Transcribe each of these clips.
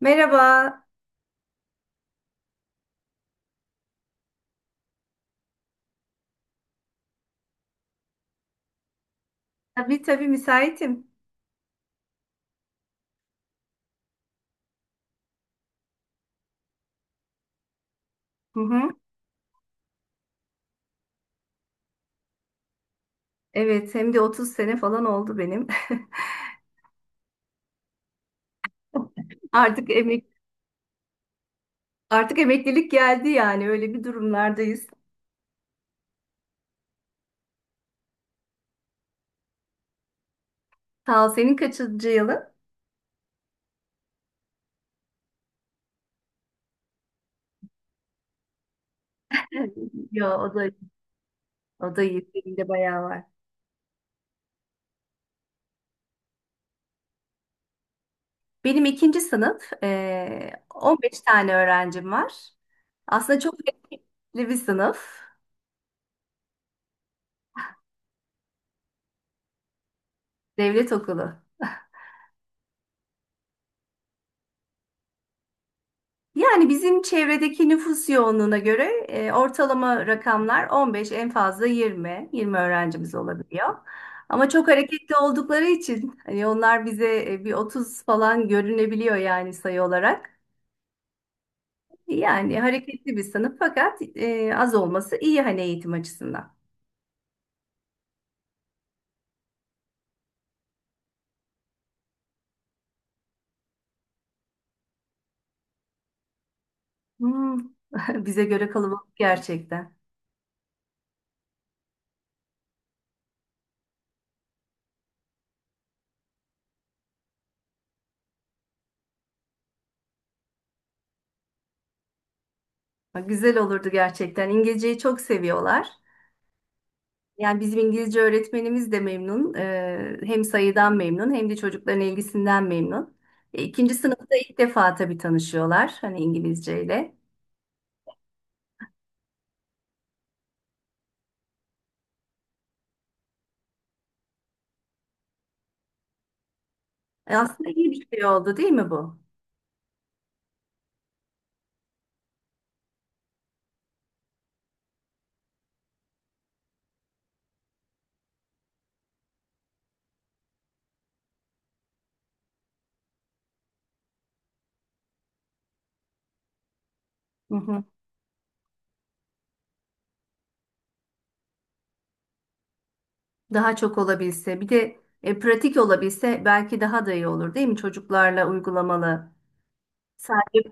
Merhaba. Tabii tabii müsaitim. Hı hı. Evet, hem de 30 sene falan oldu benim. Artık emek artık emeklilik geldi, yani öyle bir durumlardayız. Sağ ol. Senin kaçıncı yılın? Evet. Ya o da iyi. Senin de bayağı var. Benim ikinci sınıf. 15 tane öğrencim var. Aslında çok renkli bir sınıf. Devlet okulu. Yani bizim çevredeki nüfus yoğunluğuna göre ortalama rakamlar 15, en fazla 20, 20 öğrencimiz olabiliyor. Ama çok hareketli oldukları için hani onlar bize bir 30 falan görünebiliyor yani sayı olarak. Yani hareketli bir sınıf, fakat az olması iyi hani eğitim açısından. Hmm. Bize göre kalabalık gerçekten. Ha, güzel olurdu gerçekten. İngilizceyi çok seviyorlar. Yani bizim İngilizce öğretmenimiz de memnun. Hem sayıdan memnun hem de çocukların ilgisinden memnun. İkinci sınıfta ilk defa tabii tanışıyorlar hani İngilizceyle. Aslında iyi bir şey oldu değil mi bu? Hı hı. Daha çok olabilse, bir de pratik olabilse, belki daha da iyi olur değil mi? Çocuklarla uygulamalı. Sadece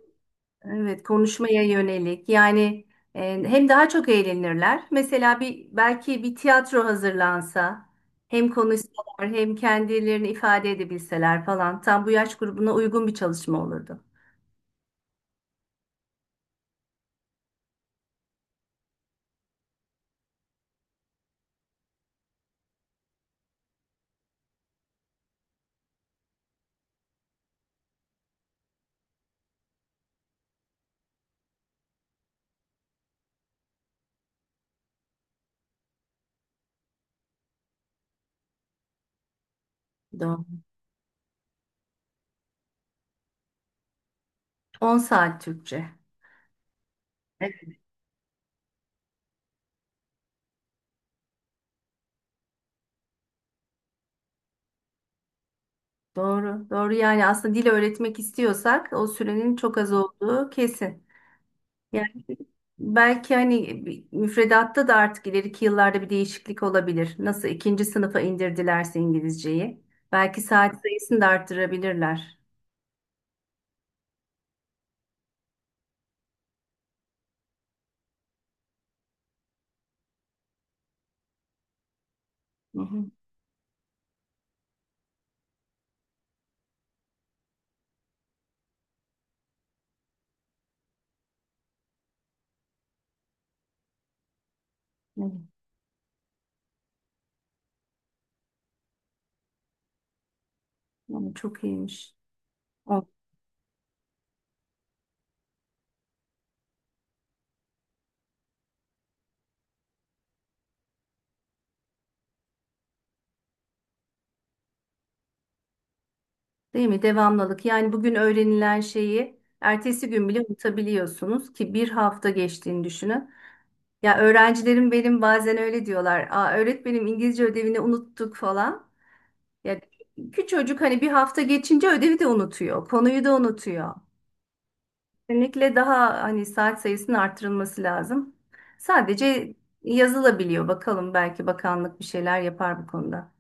Evet, konuşmaya yönelik. Yani e, hem daha çok eğlenirler. Mesela belki bir tiyatro hazırlansa, hem konuşsalar hem kendilerini ifade edebilseler falan, tam bu yaş grubuna uygun bir çalışma olurdu. Doğru. 10 saat Türkçe. Evet, doğru. Doğru, yani aslında dil öğretmek istiyorsak o sürenin çok az olduğu kesin. Yani belki hani müfredatta da artık ileriki yıllarda bir değişiklik olabilir. Nasıl ikinci sınıfa indirdilerse İngilizceyi. Belki saat sayısını da arttırabilirler. Hı hı. Evet. Yani çok iyiymiş. O, değil mi? Devamlılık. Yani bugün öğrenilen şeyi ertesi gün bile unutabiliyorsunuz, ki bir hafta geçtiğini düşünün. Ya öğrencilerim benim bazen öyle diyorlar. Aa, öğretmenim, İngilizce ödevini unuttuk falan. Ya küçücük, hani bir hafta geçince ödevi de unutuyor, konuyu da unutuyor. Kesinlikle daha hani saat sayısının artırılması lazım. Sadece yazılabiliyor. Bakalım, belki bakanlık bir şeyler yapar bu konuda.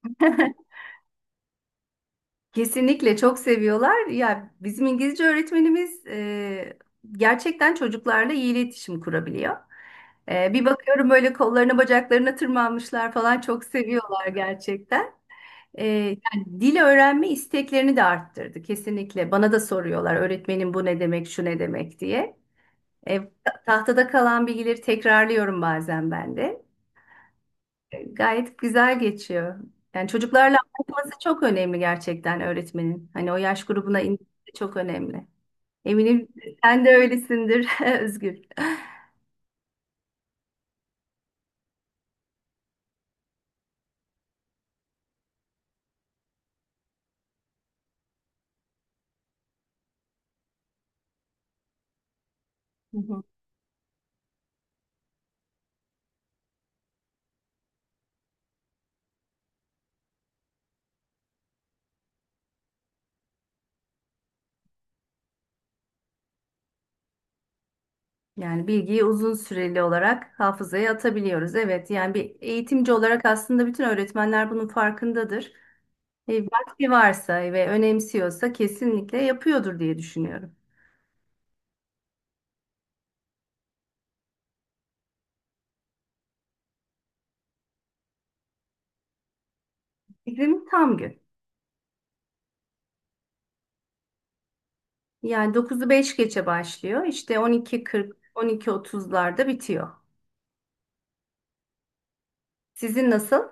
Kesinlikle çok seviyorlar. Ya bizim İngilizce öğretmenimiz gerçekten çocuklarla iyi iletişim kurabiliyor. Bir bakıyorum böyle, kollarına bacaklarına tırmanmışlar falan, çok seviyorlar gerçekten. Yani dil öğrenme isteklerini de arttırdı kesinlikle. Bana da soruyorlar öğretmenim, bu ne demek, şu ne demek diye. E, tahtada kalan bilgileri tekrarlıyorum bazen ben de. Gayet güzel geçiyor. Yani çocuklarla anlatması çok önemli gerçekten öğretmenin. Hani o yaş grubuna inmesi çok önemli. Eminim sen de öylesindir Özgür. Hı hı. Yani bilgiyi uzun süreli olarak hafızaya atabiliyoruz. Evet, yani bir eğitimci olarak aslında bütün öğretmenler bunun farkındadır. Vakti varsa ve önemsiyorsa kesinlikle yapıyordur diye düşünüyorum. Bizim tam gün. Yani dokuzu 5 geçe başlıyor. İşte 12.40, 12.30'larda bitiyor. Sizin nasıl?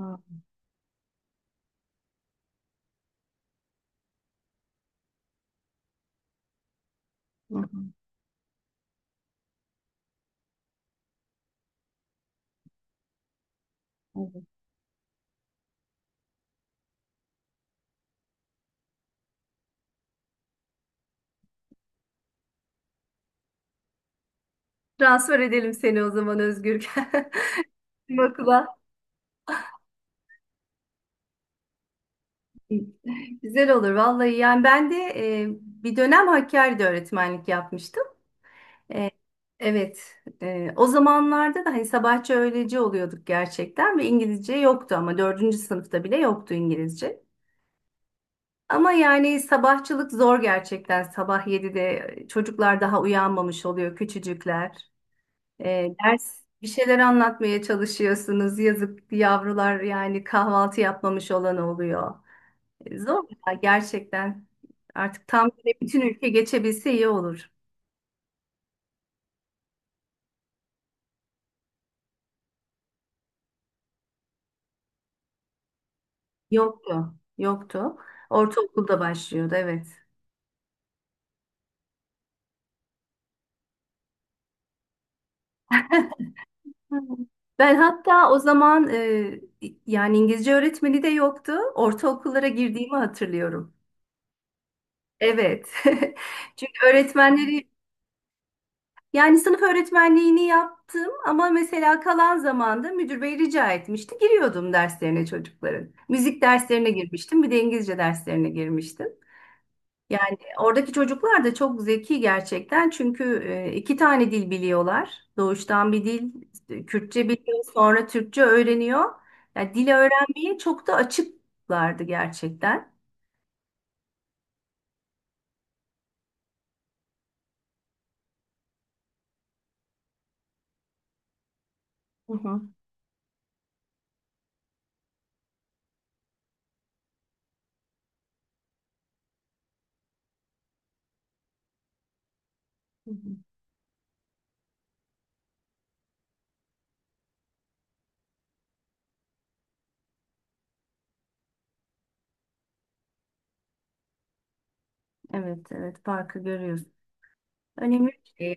Aa, hı hı, evet. Transfer edelim seni o zaman Özgür. Bizim okula. Güzel olur vallahi. Yani ben de bir dönem Hakkari'de öğretmenlik yapmıştım. E, evet. O zamanlarda da hani sabahçı öğleci oluyorduk gerçekten, ve İngilizce yoktu, ama dördüncü sınıfta bile yoktu İngilizce. Ama yani sabahçılık zor gerçekten. Sabah 7'de çocuklar daha uyanmamış oluyor, küçücükler. Ders bir şeyler anlatmaya çalışıyorsunuz. Yazık yavrular, yani kahvaltı yapmamış olan oluyor. Zor ya gerçekten. Artık tam böyle bütün ülke geçebilse iyi olur. Yoktu, yoktu. Ortaokulda başlıyordu, evet. Hı. Ben hatta o zaman yani İngilizce öğretmeni de yoktu. Ortaokullara girdiğimi hatırlıyorum. Evet. Çünkü öğretmenleri, yani sınıf öğretmenliğini yaptım ama mesela kalan zamanda müdür bey rica etmişti. Giriyordum derslerine çocukların. Müzik derslerine girmiştim, bir de İngilizce derslerine girmiştim. Yani oradaki çocuklar da çok zeki gerçekten, çünkü iki tane dil biliyorlar. Doğuştan bir dil, Kürtçe biliyor, sonra Türkçe öğreniyor. Yani dili öğrenmeye çok da açıklardı gerçekten. Hı hı. Hı hı. Evet, evet, farkı görüyoruz. Önemli bir şey.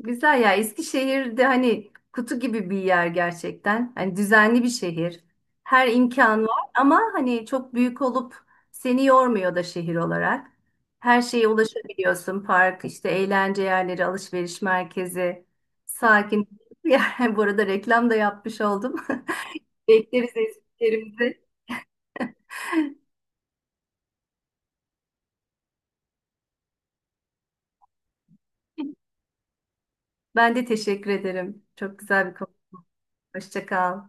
Güzel ya, Eskişehir'de hani kutu gibi bir yer gerçekten. Hani düzenli bir şehir. Her imkan var ama hani çok büyük olup seni yormuyor da şehir olarak. Her şeye ulaşabiliyorsun. Park, işte eğlence yerleri, alışveriş merkezi, sakin bir yer. Bu arada reklam da yapmış oldum. Bekleriz Eskişehir'imizi. Ben de teşekkür ederim. Çok güzel bir konu. Hoşça kal.